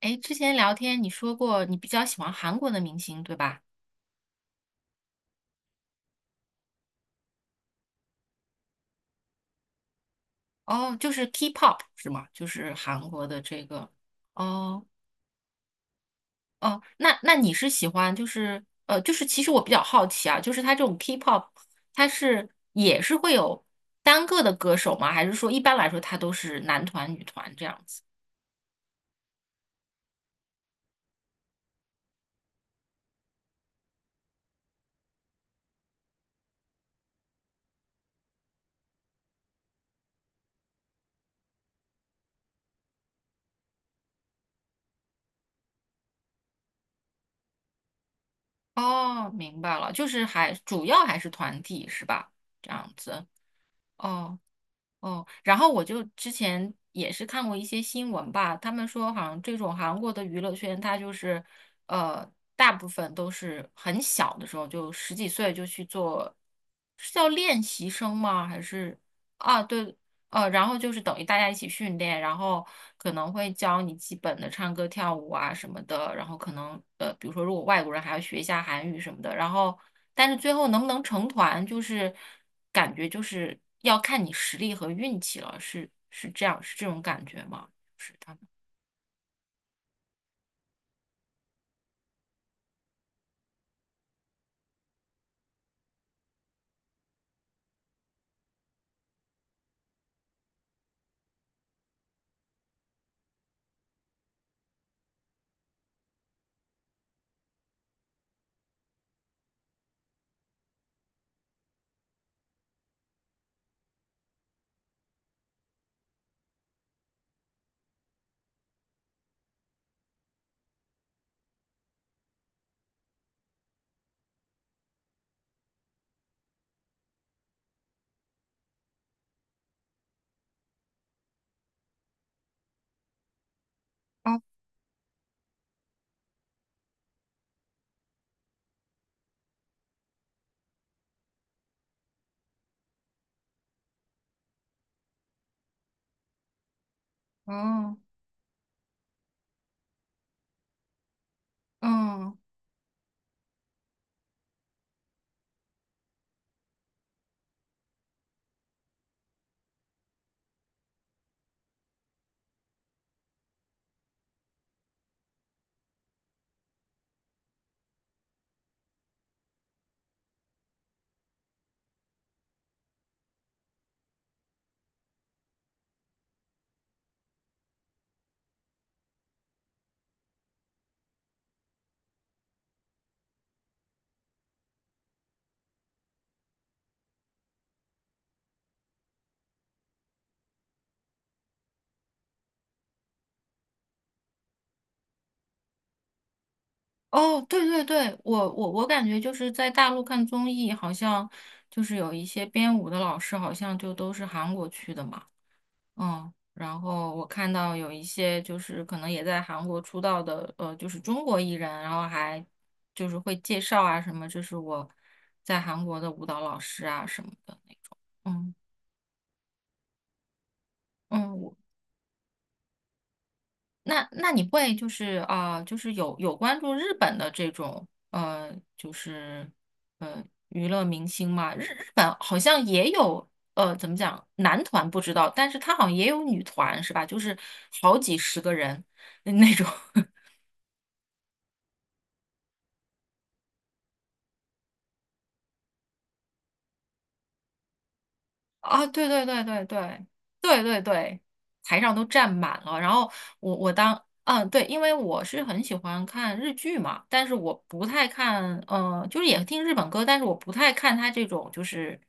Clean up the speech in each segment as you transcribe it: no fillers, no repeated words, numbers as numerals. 哎，之前聊天你说过你比较喜欢韩国的明星，对吧？哦，就是 K-pop 是吗？就是韩国的这个。哦哦，那你是喜欢就是就是其实我比较好奇啊，就是它这种 K-pop，它是也是会有单个的歌手吗？还是说一般来说它都是男团、女团这样子？哦，明白了，就是还主要还是团体是吧？这样子。哦。哦，然后我就之前也是看过一些新闻吧，他们说好像这种韩国的娱乐圈，它就是呃，大部分都是很小的时候，就十几岁就去做，是叫练习生吗？还是啊，对，然后就是等于大家一起训练，然后可能会教你基本的唱歌、跳舞啊什么的，然后可能比如说如果外国人还要学一下韩语什么的，然后但是最后能不能成团，就是感觉就是要看你实力和运气了，是这样，是这种感觉吗？就是他们。哦哦，嗯，哦，对对对，我感觉就是在大陆看综艺，好像就是有一些编舞的老师，好像就都是韩国去的嘛。嗯，然后我看到有一些就是可能也在韩国出道的，就是中国艺人，然后还就是会介绍啊什么，这是我在韩国的舞蹈老师啊什么的那种。嗯嗯，我那你会就是就是有关注日本的这种就是娱乐明星吗？日本好像也有怎么讲，男团不知道，但是他好像也有女团是吧？就是好几十个人嗯那种。啊，对对对对对对对对，台上都站满了。然后我对，因为我是很喜欢看日剧嘛，但是我不太看，嗯，就是也听日本歌，但是我不太看他这种就是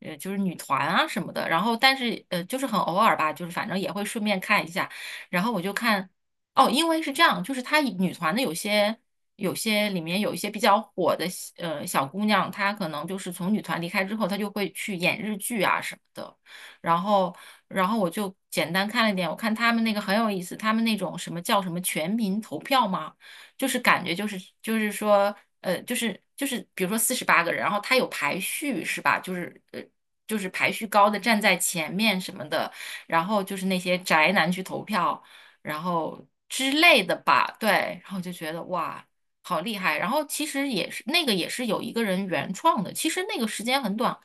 就是女团啊什么的。然后但是就是很偶尔吧，就是反正也会顺便看一下。然后我就看哦，因为是这样，就是他女团的有些。有些里面有一些比较火的小姑娘，她可能就是从女团离开之后，她就会去演日剧啊什么的。然后，然后我就简单看了一点，我看他们那个很有意思，他们那种什么叫什么全民投票吗？就是感觉就是说，就是比如说48个人，然后他有排序是吧？就是排序高的站在前面什么的，然后就是那些宅男去投票，然后之类的吧，对，然后就觉得哇，好厉害。然后其实也是那个也是有一个人原创的，其实那个时间很短，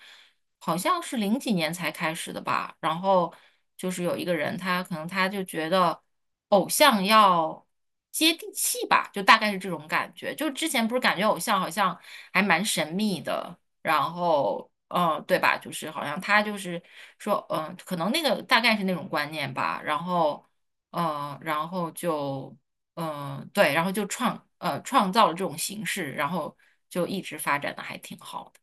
好像是零几年才开始的吧。然后就是有一个人，他可能就觉得偶像要接地气吧，就大概是这种感觉。就之前不是感觉偶像好像还蛮神秘的，然后。嗯，对吧？就是好像他就是说，嗯，可能那个大概是那种观念吧。然后，嗯，然后就嗯、对，然后就创造了这种形式，然后就一直发展的还挺好的。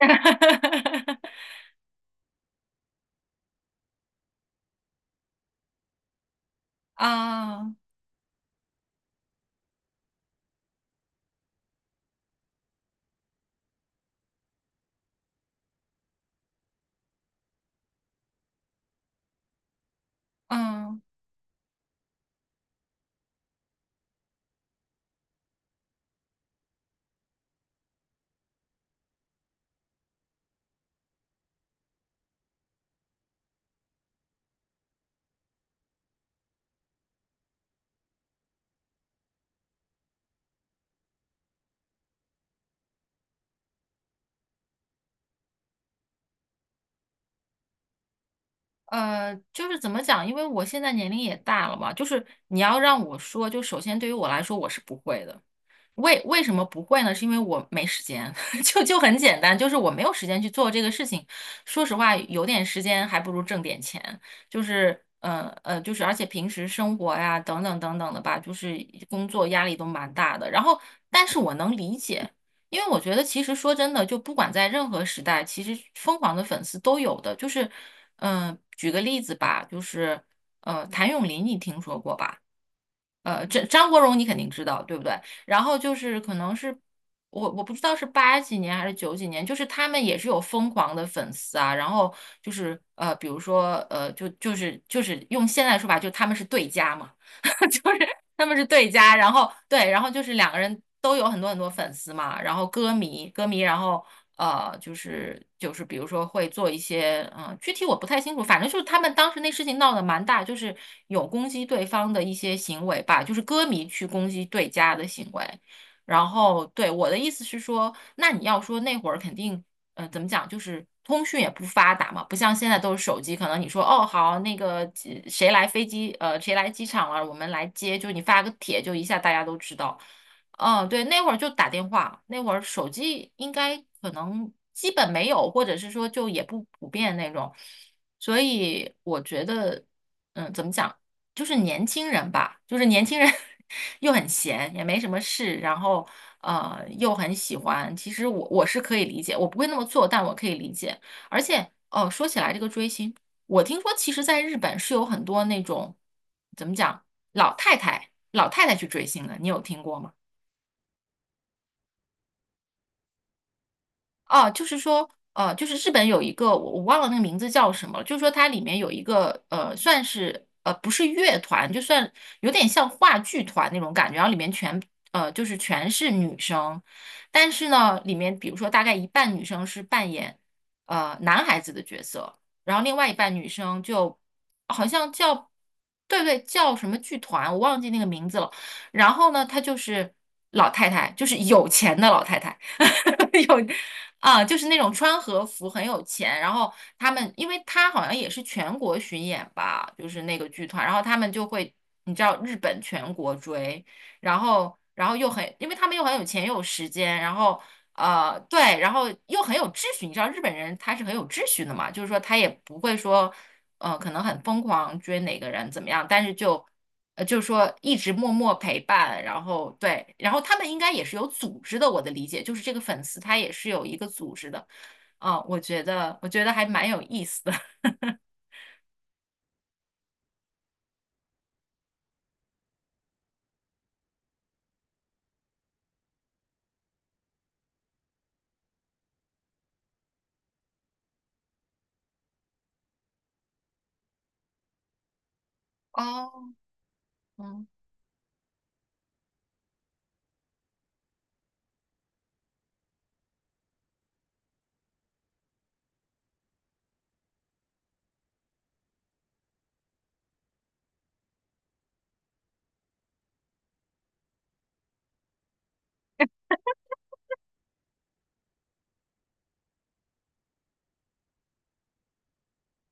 啊，嗯，就是怎么讲？因为我现在年龄也大了嘛，就是你要让我说，就首先对于我来说，我是不会的。为什么不会呢？是因为我没时间，就很简单，就是我没有时间去做这个事情。说实话，有点时间还不如挣点钱，就是就是而且平时生活呀等等等等的吧，就是工作压力都蛮大的。然后，但是我能理解，因为我觉得其实说真的，就不管在任何时代，其实疯狂的粉丝都有的。就是举个例子吧，就是谭咏麟你听说过吧？张国荣你肯定知道，对不对？然后就是可能是我不知道是八几年还是九几年，就是他们也是有疯狂的粉丝啊。然后就是比如说就是用现在的说法，就他们是对家嘛。就是他们是对家，然后对，然后就是两个人都有很多很多粉丝嘛，然后歌迷，然后就是比如说会做一些具体我不太清楚，反正就是他们当时那事情闹得蛮大，就是有攻击对方的一些行为吧，就是歌迷去攻击对家的行为。然后对我的意思是说，那你要说那会儿肯定怎么讲，就是通讯也不发达嘛，不像现在都是手机，可能你说哦好，那个几谁来飞机，谁来机场了，我们来接，就你发个帖，就一下大家都知道。嗯，对，那会儿就打电话，那会儿手机应该可能基本没有，或者是说就也不普遍那种，所以我觉得，嗯，怎么讲？就是年轻人吧，就是年轻人 又很闲，也没什么事，然后又很喜欢。其实我是可以理解，我不会那么做，但我可以理解。而且哦，说起来这个追星，我听说其实在日本是有很多那种怎么讲老太太老太太去追星的，你有听过吗？哦，就是说，就是日本有一个我忘了那个名字叫什么了，就是说它里面有一个算是不是乐团，就算有点像话剧团那种感觉，然后里面全就是全是女生，但是呢，里面比如说大概一半女生是扮演男孩子的角色，然后另外一半女生就好像叫对叫什么剧团，我忘记那个名字了。然后呢，她就是老太太，就是有钱的老太太。有啊，就是那种穿和服很有钱，然后他们，因为他好像也是全国巡演吧，就是那个剧团，然后他们就会，你知道日本全国追，然后又很，因为他们又很有钱又有时间，然后对，然后又很有秩序，你知道日本人他是很有秩序的嘛，就是说他也不会说，可能很疯狂追哪个人怎么样，但是就。就是说一直默默陪伴，然后对，然后他们应该也是有组织的，我的理解就是这个粉丝他也是有一个组织的，我觉得还蛮有意思的，哦，嗯。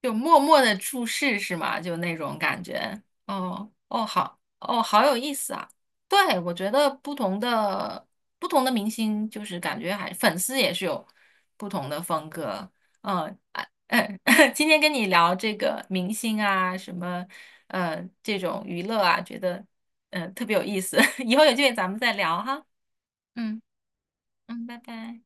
就默默的注视是吗？就那种感觉。哦哦，好哦，好有意思啊！对，我觉得不同的明星，就是感觉还粉丝也是有不同的风格。嗯，啊，嗯，今天跟你聊这个明星啊，什么这种娱乐啊，觉得特别有意思。以后有机会咱们再聊哈。嗯嗯，拜拜。